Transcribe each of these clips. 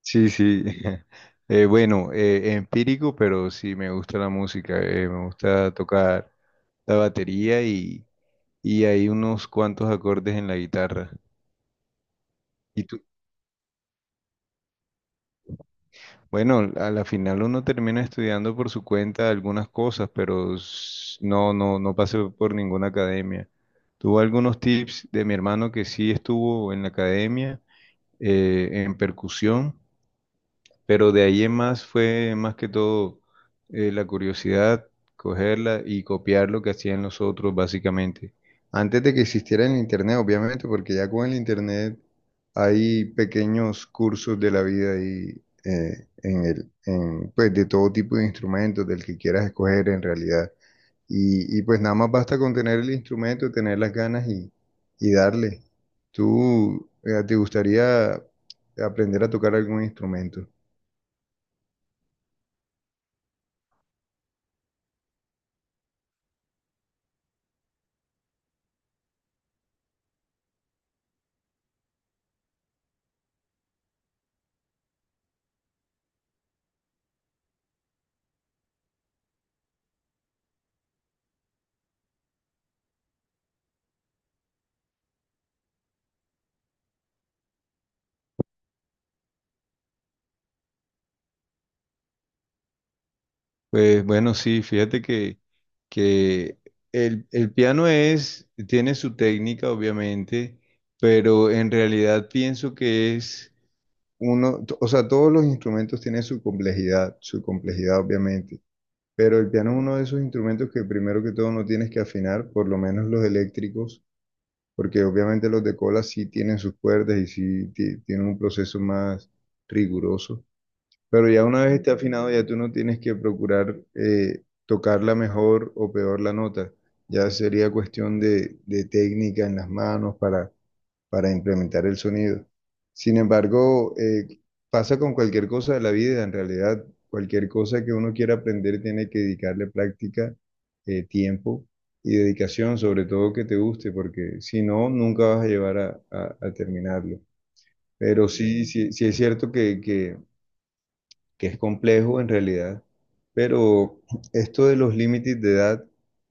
Sí, sí. Bueno, empírico, pero sí me gusta la música. Me gusta tocar la batería y hay unos cuantos acordes en la guitarra. Y tú, bueno, a la final uno termina estudiando por su cuenta algunas cosas, pero no, no, no pasé por ninguna academia. Tuve algunos tips de mi hermano que sí estuvo en la academia en percusión. Pero de ahí en más fue más que todo, la curiosidad, cogerla y copiar lo que hacían los otros básicamente. Antes de que existiera el internet, obviamente, porque ya con el internet hay pequeños cursos de la vida y pues de todo tipo de instrumentos, del que quieras escoger en realidad. Y pues nada más basta con tener el instrumento, tener las ganas y darle. ¿Tú te gustaría aprender a tocar algún instrumento? Pues bueno, sí, que el piano tiene su técnica, obviamente, pero en realidad pienso que es o sea, todos los instrumentos tienen su complejidad, obviamente, pero el piano es uno de esos instrumentos que primero que todo no tienes que afinar, por lo menos los eléctricos, porque obviamente los de cola sí tienen sus cuerdas y sí tienen un proceso más riguroso. Pero ya una vez esté afinado, ya tú no tienes que procurar tocarla mejor o peor la nota. Ya sería cuestión de técnica en las manos para implementar el sonido. Sin embargo, pasa con cualquier cosa de la vida, en realidad, cualquier cosa que uno quiera aprender tiene que dedicarle práctica, tiempo y dedicación, sobre todo que te guste, porque si no, nunca vas a llevar a terminarlo. Pero sí, sí, sí es cierto que que es complejo en realidad, pero esto de los límites de edad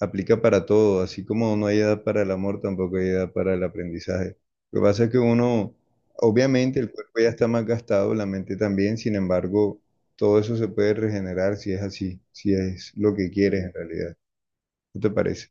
aplica para todo, así como no hay edad para el amor, tampoco hay edad para el aprendizaje. Lo que pasa es que uno, obviamente el cuerpo ya está más gastado, la mente también, sin embargo, todo eso se puede regenerar si es así, si es lo que quieres en realidad. ¿No te parece?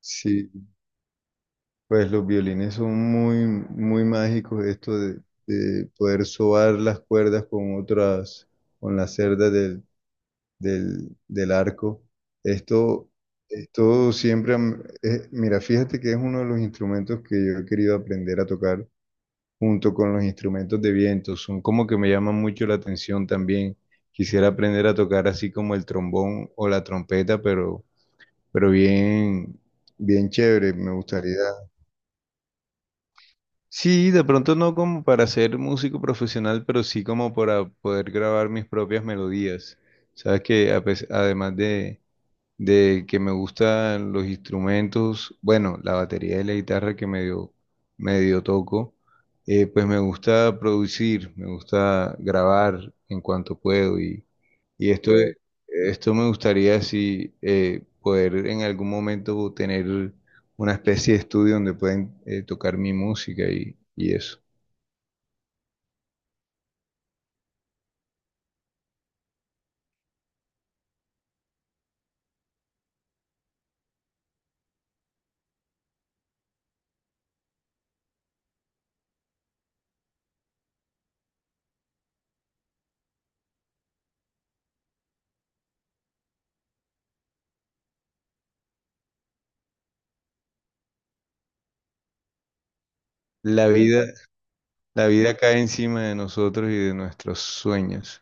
Sí, pues los violines son muy, muy mágicos, esto de poder sobar las cuerdas con otras, con las cerdas del arco. Esto, Esto siempre, mira, fíjate que es uno de los instrumentos que yo he querido aprender a tocar junto con los instrumentos de viento. Son como que me llaman mucho la atención también. Quisiera aprender a tocar así como el trombón o la trompeta, pero bien, bien chévere, me gustaría. Sí, de pronto no como para ser músico profesional, pero sí como para poder grabar mis propias melodías. Sabes que además de que me gustan los instrumentos, bueno, la batería y la guitarra que medio, medio toco, pues me gusta producir, me gusta grabar en cuanto puedo y Ok. Esto me gustaría si poder en algún momento tener una especie de estudio donde pueden tocar mi música y eso. La vida, la vida cae encima de nosotros y de nuestros sueños.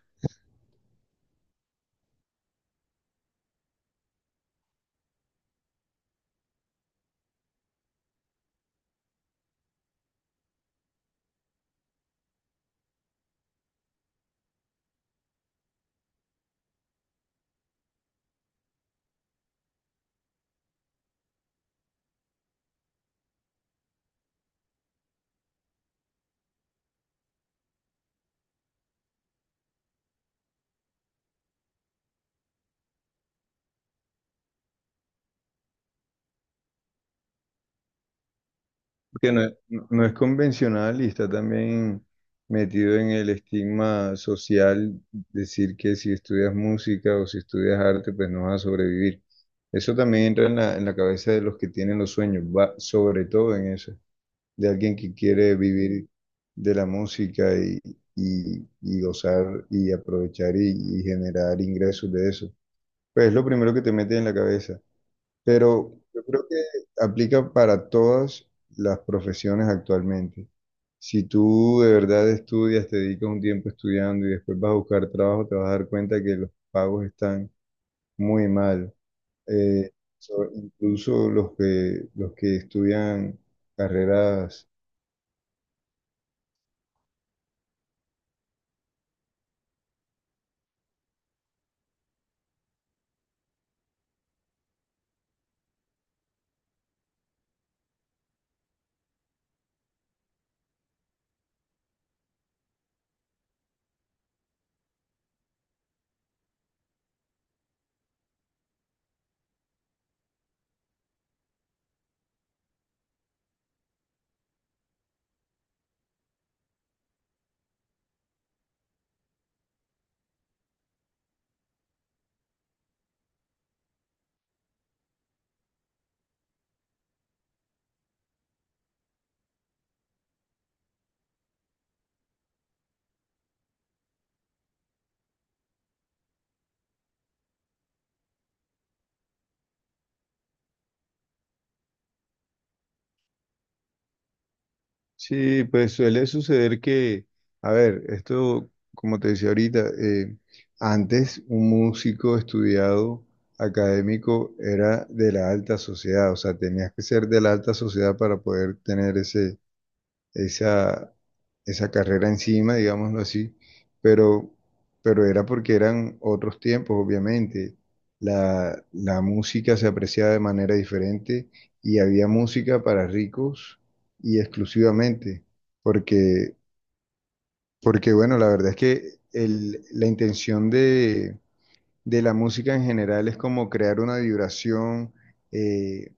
Porque no, no es convencional y está también metido en el estigma social decir que si estudias música o si estudias arte, pues no vas a sobrevivir. Eso también entra en en la cabeza de los que tienen los sueños, va sobre todo en eso, de alguien que quiere vivir de la música y gozar y aprovechar y generar ingresos de eso. Pues es lo primero que te mete en la cabeza. Pero yo creo que aplica para todas las profesiones actualmente. Si tú de verdad estudias, te dedicas un tiempo estudiando y después vas a buscar trabajo, te vas a dar cuenta que los pagos están muy mal. Eh, Incluso los que estudian carreras. Sí, pues suele suceder que, a ver, esto, como te decía ahorita, antes un músico estudiado académico era de la alta sociedad, o sea, tenías que ser de la alta sociedad para poder tener esa, esa carrera encima, digámoslo así, pero, pero era porque eran otros tiempos, obviamente. La música se apreciaba de manera diferente y había música para ricos y exclusivamente, porque, porque bueno, la verdad es que la intención de la música en general es como crear una vibración, eh,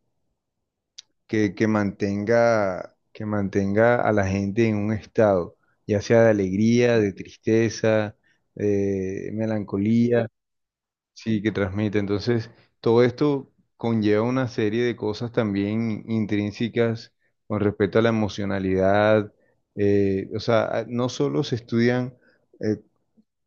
que mantenga a la gente en un estado, ya sea de alegría, de tristeza, de melancolía, sí, que transmite. Entonces, todo esto conlleva una serie de cosas también intrínsecas con respecto a la emocionalidad. O sea, no solo se estudian eh,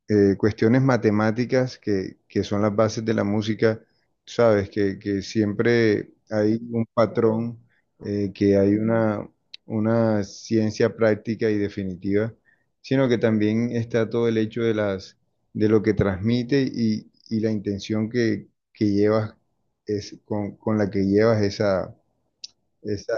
cuestiones matemáticas que son las bases de la música, sabes, que siempre hay un patrón, que hay una ciencia práctica y definitiva, sino que también está todo el hecho de las, de lo que transmite y la intención que llevas es con la que llevas esa.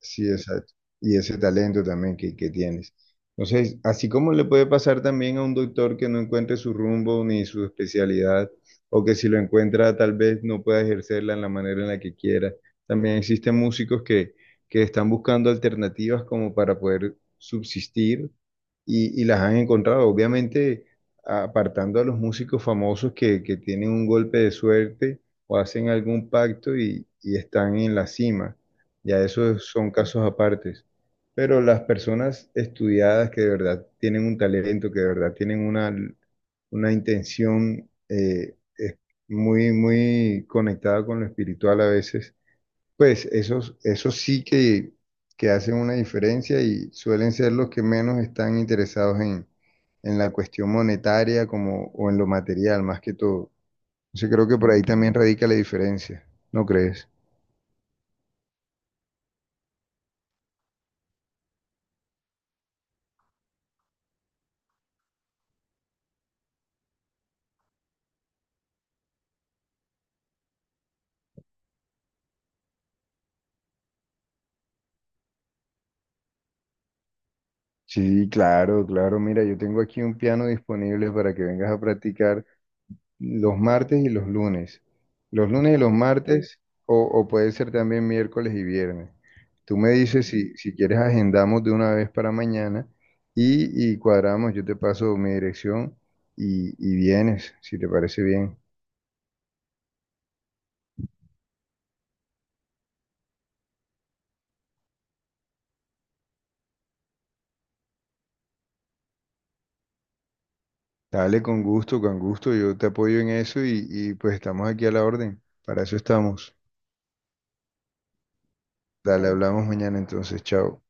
Sí, exacto. Y ese talento también que tienes. Entonces, así como le puede pasar también a un doctor que no encuentre su rumbo ni su especialidad, o que si lo encuentra tal vez no pueda ejercerla en la manera en la que quiera, también existen músicos que están buscando alternativas como para poder subsistir y las han encontrado. Obviamente, apartando a los músicos famosos que tienen un golpe de suerte o hacen algún pacto y están en la cima, ya esos son casos apartes. Pero las personas estudiadas que de verdad tienen un talento, que de verdad tienen una intención, es muy, muy conectada con lo espiritual a veces, pues esos, que hacen una diferencia y suelen ser los que menos están interesados en la cuestión monetaria, como o en lo material más que todo. Entonces creo que por ahí también radica la diferencia, ¿no crees? Sí, claro, claro. Mira, yo tengo aquí un piano disponible para que vengas a practicar los martes y los lunes. Los lunes y los martes, o puede ser también miércoles y viernes. Tú me dices si, si quieres agendamos de una vez para mañana y cuadramos, yo te paso mi dirección y vienes, si te parece bien. Dale, con gusto, yo te apoyo en eso y pues estamos aquí a la orden. Para eso estamos. Dale, hablamos mañana entonces, chao.